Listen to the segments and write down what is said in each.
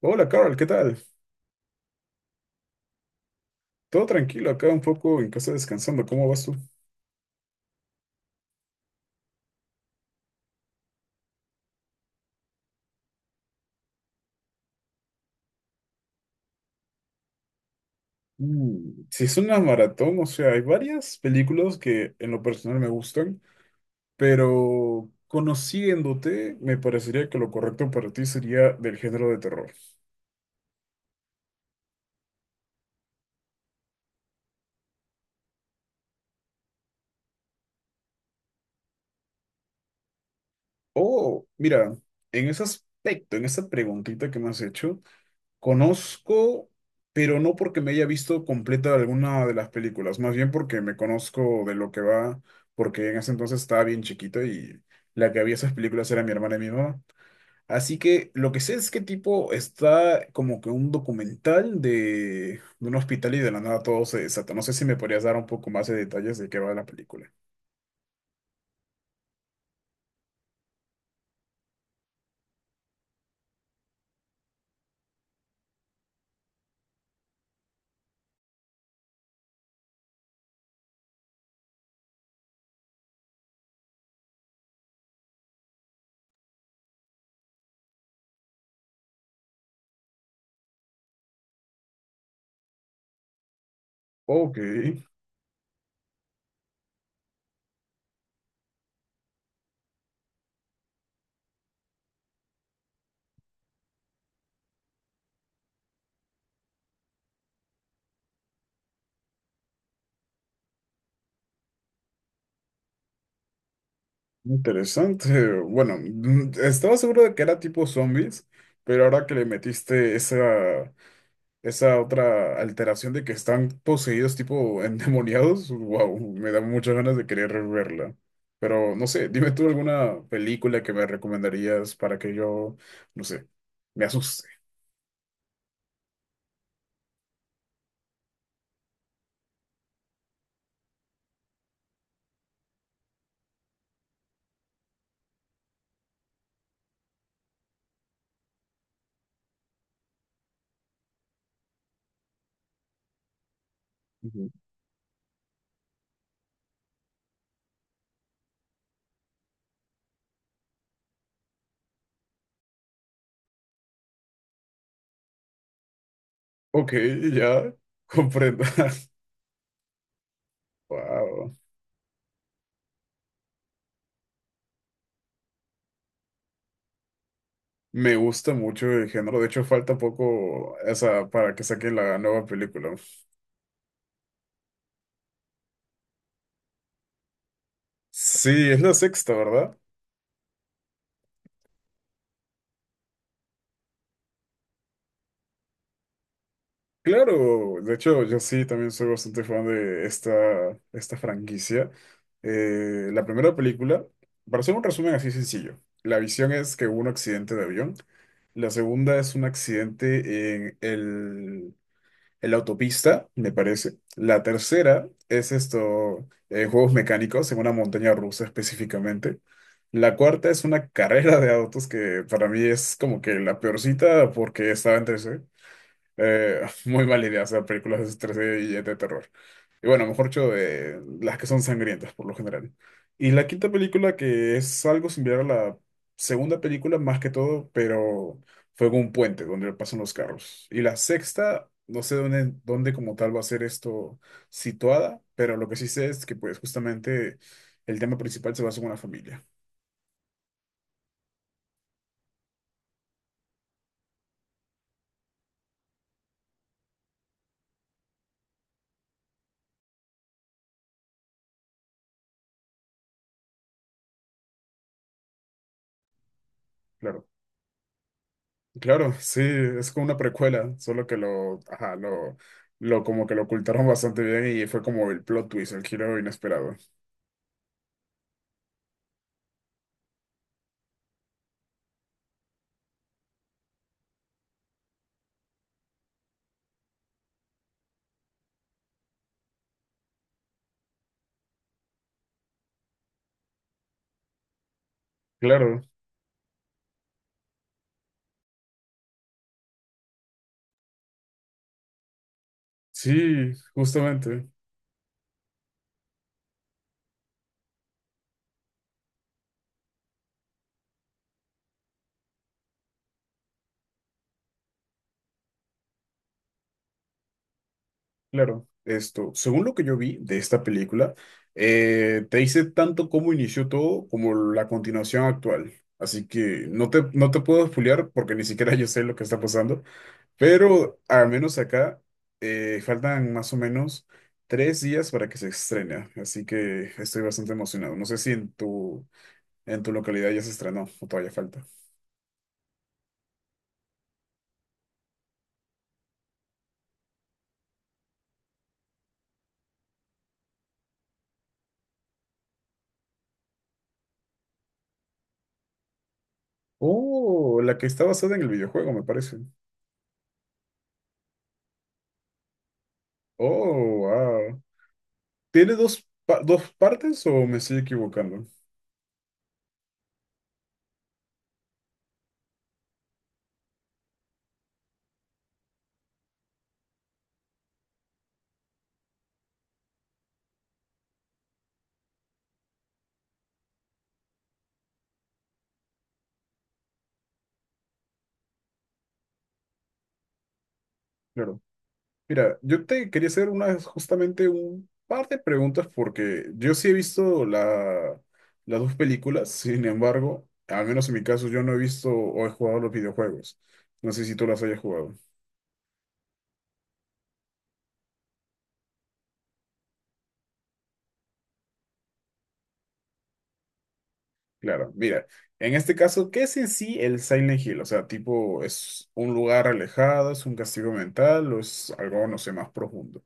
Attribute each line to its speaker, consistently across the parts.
Speaker 1: Hola, Carl, ¿qué tal? Todo tranquilo, acá un poco en casa descansando. ¿Cómo vas tú? Si es una maratón, o sea, hay varias películas que en lo personal me gustan, pero conociéndote, me parecería que lo correcto para ti sería del género de terror. Oh, mira, en ese aspecto, en esa preguntita que me has hecho, conozco, pero no porque me haya visto completa alguna de las películas, más bien porque me conozco de lo que va, porque en ese entonces estaba bien chiquito y la que había esas películas era mi hermana y mi mamá. Así que lo que sé es que tipo está como que un documental de un hospital y de la nada todo se desata. No sé si me podrías dar un poco más de detalles de qué va la película. Ok, interesante. Bueno, estaba seguro de que era tipo zombies, pero ahora que le metiste esa esa otra alteración de que están poseídos tipo endemoniados, wow, me da muchas ganas de querer verla. Pero no sé, dime tú alguna película que me recomendarías para que yo, no sé, me asuste. Ujú. Ok, ya comprendo. Wow. Me gusta mucho el género. De hecho, falta poco esa para que saquen la nueva película. Sí, es la sexta, ¿verdad? Claro, de hecho yo sí también soy bastante fan de esta franquicia. La primera película, para hacer un resumen así sencillo, la visión es que hubo un accidente de avión, la segunda es un accidente en la autopista, me parece, la tercera es esto, juegos mecánicos en una montaña rusa específicamente, la cuarta es una carrera de autos que para mí es como que la peorcita porque estaba en 3, muy mala idea hacer películas de estrés y de terror. Y bueno, mejor dicho, de las que son sangrientas por lo general. Y la quinta película, que es algo similar a la segunda película, más que todo, pero fue con un puente donde pasan los carros. Y la sexta, no sé dónde como tal va a ser esto situada, pero lo que sí sé es que pues justamente el tema principal se basa en una familia. Claro, claro, sí, es como una precuela, solo que lo, ajá, lo como que lo ocultaron bastante bien y fue como el plot twist, el giro inesperado. Claro, sí, justamente, claro. Esto, según lo que yo vi de esta película, te dice tanto cómo inició todo como la continuación actual. Así que no te puedo spoilear porque ni siquiera yo sé lo que está pasando. Pero al menos acá faltan más o menos tres días para que se estrene, así que estoy bastante emocionado. No sé si en tu localidad ya se estrenó o todavía falta. Oh, la que está basada en el videojuego, me parece. Oh, wow. ¿Tiene dos, dos partes o me estoy equivocando? Claro. Mira, yo te quería hacer unas justamente un par de preguntas porque yo sí he visto las dos películas, sin embargo, al menos en mi caso, yo no he visto o he jugado los videojuegos. No sé si tú las hayas jugado. Claro, mira, en este caso, ¿qué es en sí el Silent Hill? O sea, tipo, ¿es un lugar alejado, es un castigo mental o es algo, no sé, más profundo?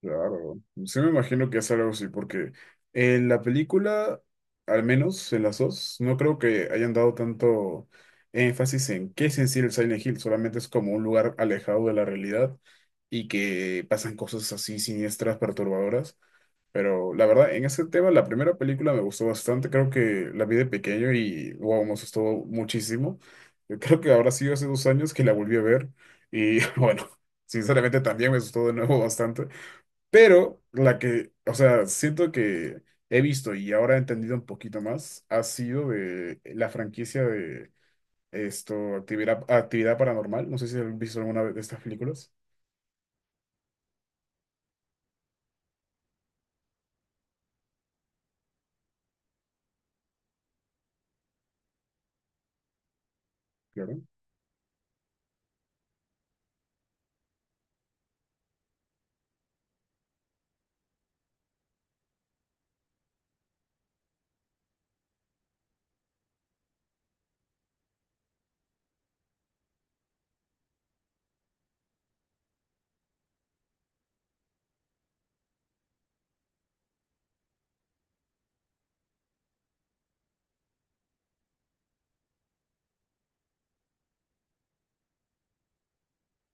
Speaker 1: Claro, sí me imagino que es algo así, porque en la película, al menos en las dos, no creo que hayan dado tanto énfasis en qué es en sí el Silent Hill, solamente es como un lugar alejado de la realidad y que pasan cosas así siniestras, perturbadoras, pero la verdad, en ese tema, la primera película me gustó bastante, creo que la vi de pequeño y wow, me asustó muchísimo. Yo creo que habrá sido hace dos años que la volví a ver y bueno, sinceramente también me asustó de nuevo bastante. Pero la que, o sea, siento que he visto y ahora he entendido un poquito más, ha sido de la franquicia de esto, actividad paranormal. No sé si has visto alguna de estas películas. Claro.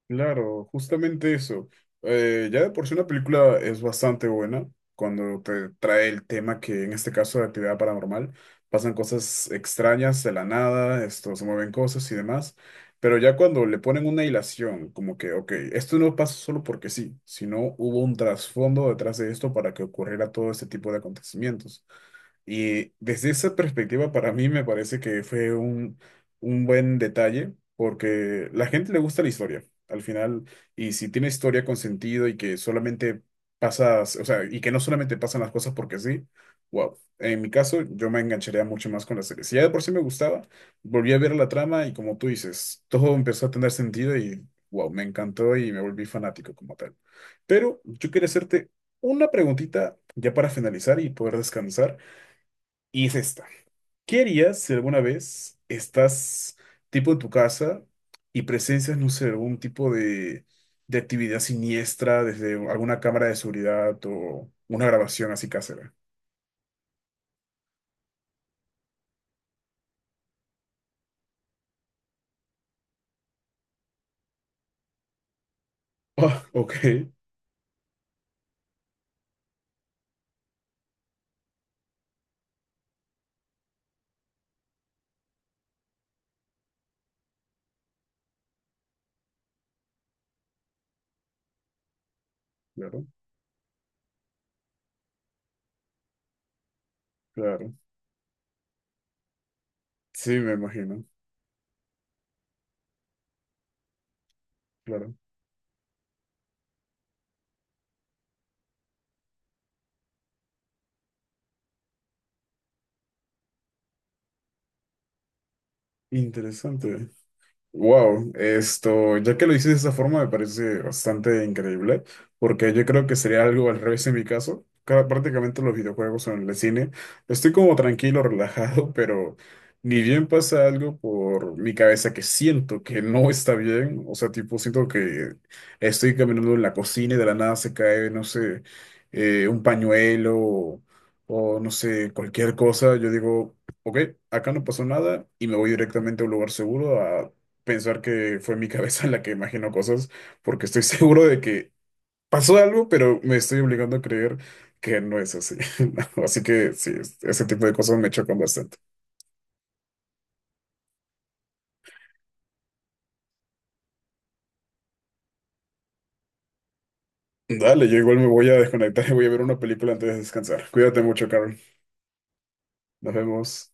Speaker 1: Claro, justamente eso. Ya de por sí una película es bastante buena cuando te trae el tema que en este caso de actividad paranormal pasan cosas extrañas de la nada, esto se mueven cosas y demás, pero ya cuando le ponen una hilación, como que, ok, esto no pasa solo porque sí, sino hubo un trasfondo detrás de esto para que ocurriera todo este tipo de acontecimientos. Y desde esa perspectiva, para mí me parece que fue un buen detalle, porque la gente le gusta la historia, al final, y si tiene historia con sentido y que solamente pasas, o sea, y que no solamente pasan las cosas porque sí, wow. En mi caso, yo me engancharía mucho más con la serie. Si ya de por sí me gustaba, volví a ver la trama y como tú dices, todo empezó a tener sentido y wow, me encantó y me volví fanático como tal. Pero yo quería hacerte una preguntita ya para finalizar y poder descansar. Y es esta. ¿Qué harías si alguna vez estás tipo en tu casa y presencias, no sé, algún tipo de actividad siniestra desde alguna cámara de seguridad o una grabación así casera? Ah, ok, claro, claro. Sí, me imagino, claro. Interesante. Wow, esto, ya que lo dices de esa forma, me parece bastante increíble, porque yo creo que sería algo al revés en mi caso. Prácticamente los videojuegos o en el cine, estoy como tranquilo, relajado, pero ni bien pasa algo por mi cabeza que siento que no está bien. O sea, tipo, siento que estoy caminando en la cocina y de la nada se cae, no sé, un pañuelo o no sé, cualquier cosa. Yo digo. Ok, acá no pasó nada y me voy directamente a un lugar seguro pensar que fue mi cabeza la que imaginó cosas, porque estoy seguro de que pasó algo, pero me estoy obligando a creer que no es así. No, así que sí, ese tipo de cosas me chocan bastante. Dale, yo igual me voy a desconectar y voy a ver una película antes de descansar. Cuídate mucho, Carol. Nos vemos.